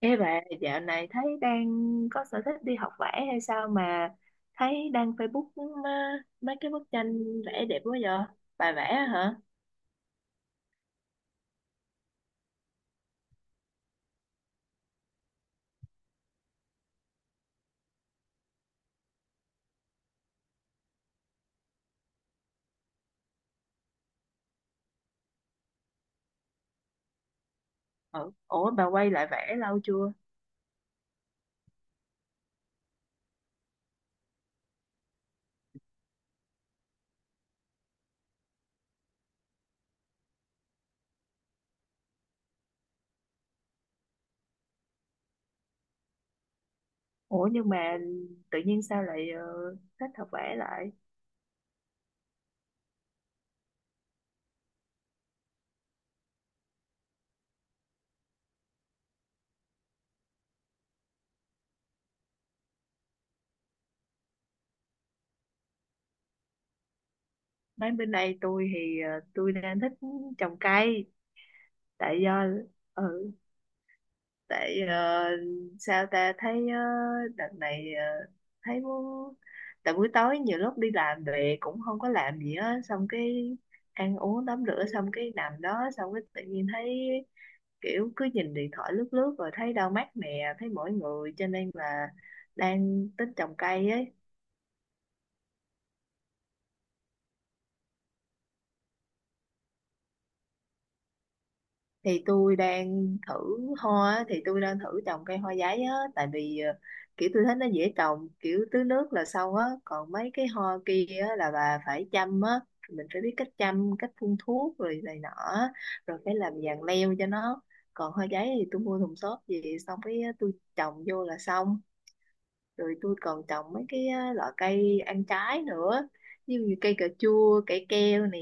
Ê bà, dạo này thấy đang có sở thích đi học vẽ hay sao mà thấy đăng Facebook mấy cái bức tranh vẽ đẹp quá vậy? Bà vẽ hả? Ừ. Ủa bà quay lại vẽ lâu chưa? Ủa nhưng mà tự nhiên sao lại thích học vẽ lại? Mấy bên đây tôi đang thích trồng cây. Tại do ừ tại ờ, sao ta thấy đợt này thấy muốn, tại buổi tối nhiều lúc đi làm về cũng không có làm gì á, xong cái ăn uống tắm rửa xong cái nằm đó, xong cái tự nhiên thấy kiểu cứ nhìn điện thoại lướt lướt rồi thấy đau mắt nè, thấy mỏi người cho nên là đang tính trồng cây ấy. thì tôi đang thử thì tôi đang thử trồng cây hoa giấy á, tại vì kiểu tôi thấy nó dễ trồng, kiểu tưới nước là xong á. Còn mấy cái hoa kia á là bà phải chăm á, mình phải biết cách chăm, cách phun thuốc rồi này nọ á, rồi phải làm giàn leo cho nó. Còn hoa giấy thì tôi mua thùng xốp về xong cái tôi trồng vô là xong. Rồi tôi còn trồng mấy cái loại cây ăn trái nữa, như cây cà chua, cây keo nè.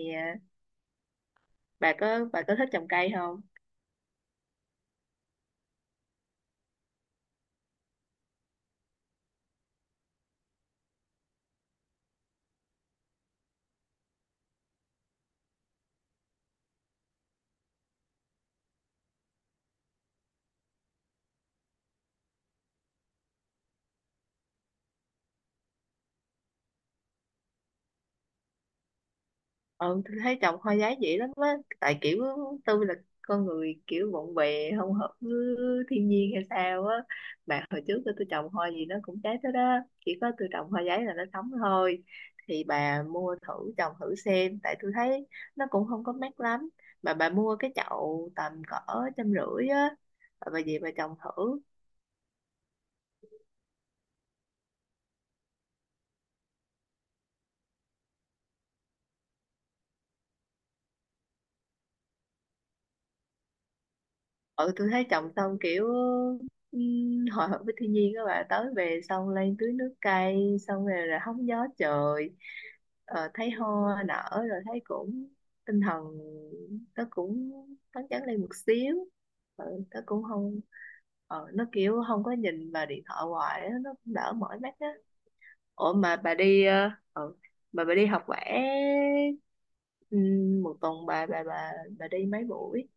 Bà có, bà có thích trồng cây không? Ừ, tôi thấy chồng hoa giá dĩ lắm á, tại kiểu tôi là con người kiểu bộn bề không hợp với thiên nhiên hay sao á, mà hồi trước tôi trồng hoa gì nó cũng trái tới đó, chỉ có tôi trồng hoa giấy là nó sống thôi. Thì bà mua thử trồng thử xem, tại tôi thấy nó cũng không có mát lắm, mà bà mua cái chậu tầm cỡ 150 á, bà về bà trồng thử. Ừ, tôi thấy trồng xong kiểu ừm, hòa hợp với thiên nhiên, các bạn tới về xong lên tưới nước cây, xong rồi là hóng gió trời, thấy hoa nở rồi thấy cũng tinh thần nó cũng phấn chấn lên một xíu. Ừ, nó kiểu không có nhìn vào điện thoại hoài á, nó cũng đỡ mỏi mắt á. Ủa mà bà đi ờ, ừ, mà bà đi học vẽ, một tuần bà đi mấy buổi?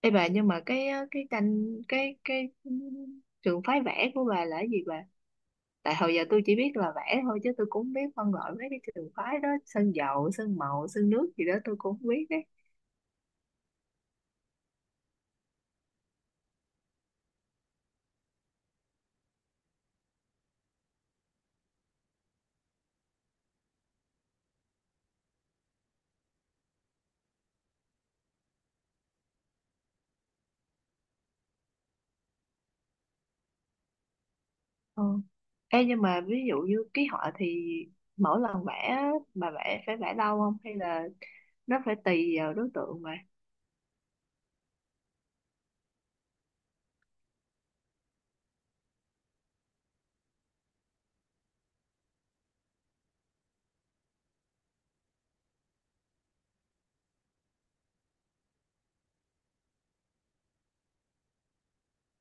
Ê bà, nhưng mà cái tranh cái trường phái vẽ của bà là cái gì bà? Tại hồi giờ tôi chỉ biết là vẽ thôi chứ tôi cũng không biết phân loại mấy cái trường phái đó, sơn dầu, sơn màu, sơn nước gì đó tôi cũng không biết đấy. Ờ. Ê, nhưng mà ví dụ như ký họa thì mỗi lần vẽ á, bà vẽ phải vẽ lâu không, hay là nó phải tùy vào đối tượng mà.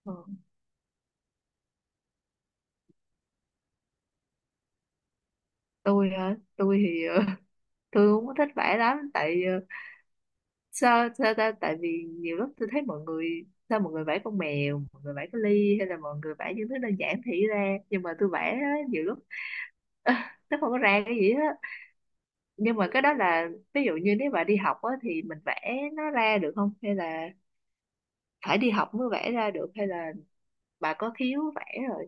Ờ. Tôi hả? Tôi thì tôi không có thích vẽ lắm, tại sao sao ta tại vì nhiều lúc tôi thấy mọi người, sao mọi người vẽ con mèo, mọi người vẽ cái ly, hay là mọi người vẽ những thứ đơn giản thì ra, nhưng mà tôi vẽ á, nhiều lúc nó không có ra cái gì hết. Nhưng mà cái đó là, ví dụ như nếu bạn đi học á, thì mình vẽ nó ra được không, hay là phải đi học mới vẽ ra được, hay là bà có khiếu vẽ rồi?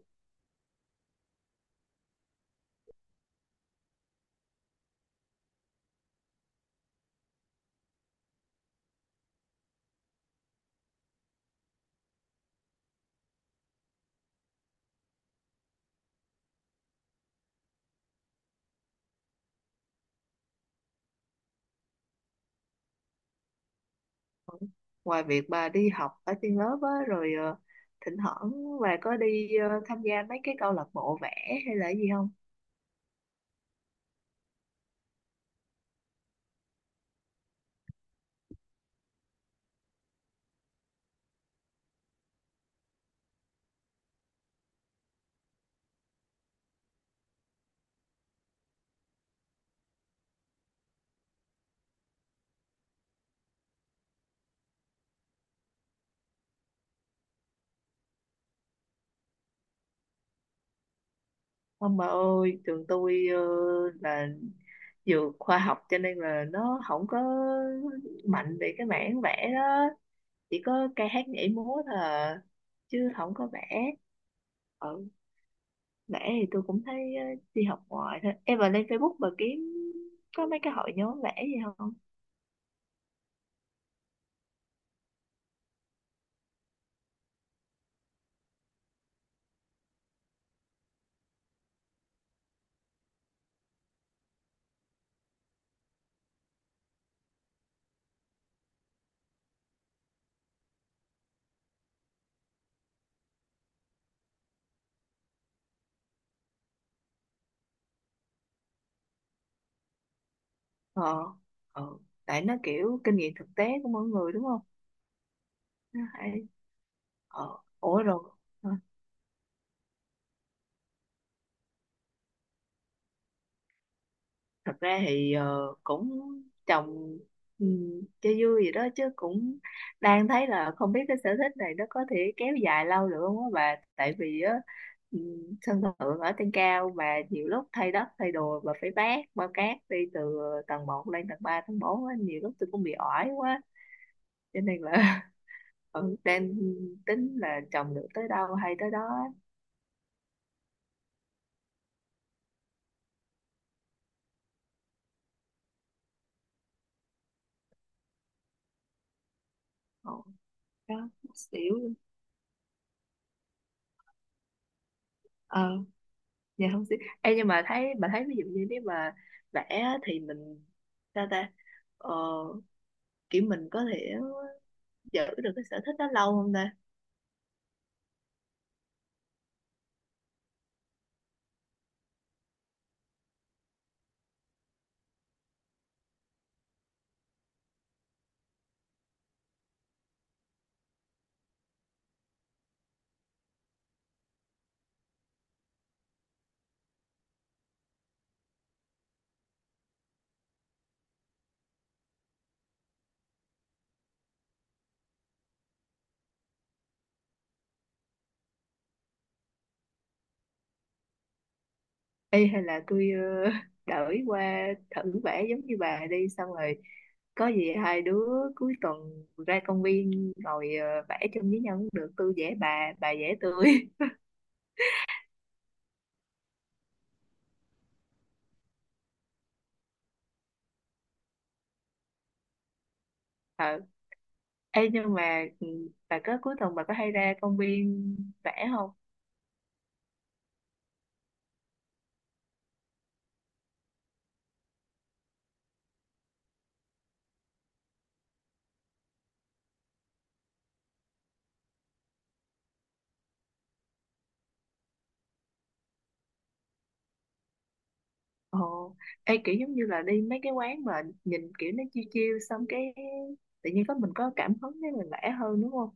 Ngoài việc bà đi học ở trên lớp á, rồi thỉnh thoảng bà có đi tham gia mấy cái câu lạc bộ vẽ hay là gì không? Ông bà ơi, trường tôi là dược khoa học, cho nên là nó không có mạnh về cái mảng vẽ đó, chỉ có ca hát nhảy múa thôi à, chứ không có vẽ. Ừ, vẽ thì tôi cũng thấy đi học ngoài thôi. Em vào lên Facebook bà kiếm có mấy cái hội nhóm vẽ gì không? Ờ, ờ, tại nó kiểu kinh nghiệm thực tế của mỗi người đúng không? Nó hay. Ờ, ủa rồi. Ờ, thật ra thì cũng trồng, ừ, cho vui vậy đó, chứ cũng đang thấy là không biết cái sở thích này nó có thể kéo dài lâu được không á bà, tại vì á ừ, sân thượng ở trên cao mà, nhiều lúc thay đất thay đồ và phải vác bao cát đi từ tầng 1 lên tầng 3 tầng 4 á, nhiều lúc tôi cũng bị oải quá cho nên là ừ, đang tính là trồng được tới đâu hay tới đó á. Ồ, đó xỉu dạ không xí. Em nhưng mà thấy, ví dụ như nếu mà vẽ á, thì mình sao ta ờ, kiểu mình có thể giữ được cái sở thích đó lâu không ta? Ê, hay là tôi ờ, đổi qua thử vẽ giống như bà đi, xong rồi có gì hai đứa cuối tuần ra công viên ngồi vẽ chung với nhau cũng được, tôi vẽ bà vẽ tôi. Ờ. Ê, nhưng mà ừ, bà có cuối tuần bà có hay ra công viên vẽ không? Ồ, ê, kiểu giống như là đi mấy cái quán mà nhìn kiểu nó chiêu chiêu xong cái tự nhiên có mình có cảm hứng để mình vẽ hơn đúng không?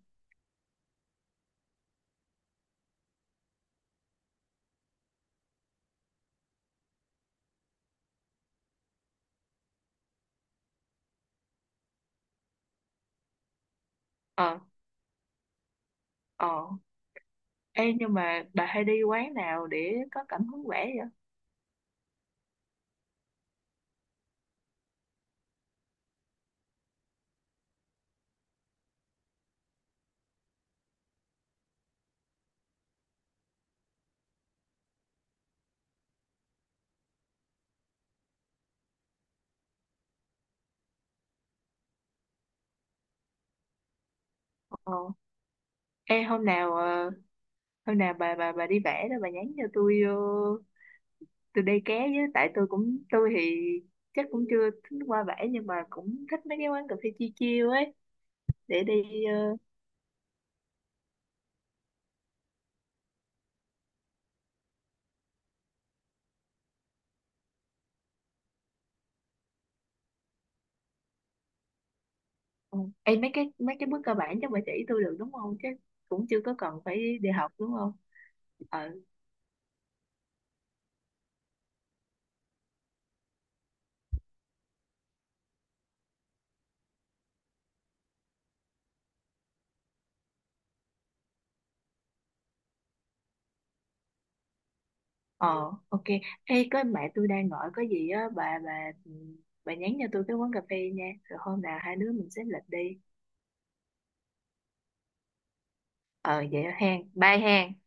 Ờ, ờ. Ê, nhưng mà bà hay đi quán nào để có cảm hứng vẽ vậy? Ờ. Ê, hôm nào hôm nào bà đi vẽ đó, bà nhắn cho tôi tôi đây ké với, tại tôi thì chắc cũng chưa thích qua vẽ nhưng mà cũng thích mấy cái quán cà phê chiêu chiêu ấy để đi, ờ, Ừ. Ê, mấy cái bước cơ bản chắc bà chỉ tôi được đúng không, chứ cũng chưa có cần phải đi học đúng không? ờ ờ ok. Ê, có mẹ tôi đang gọi có gì á bà nhắn cho tôi cái quán cà phê nha, rồi hôm nào hai đứa mình xếp lịch đi. Ờ vậy hen, bye hen.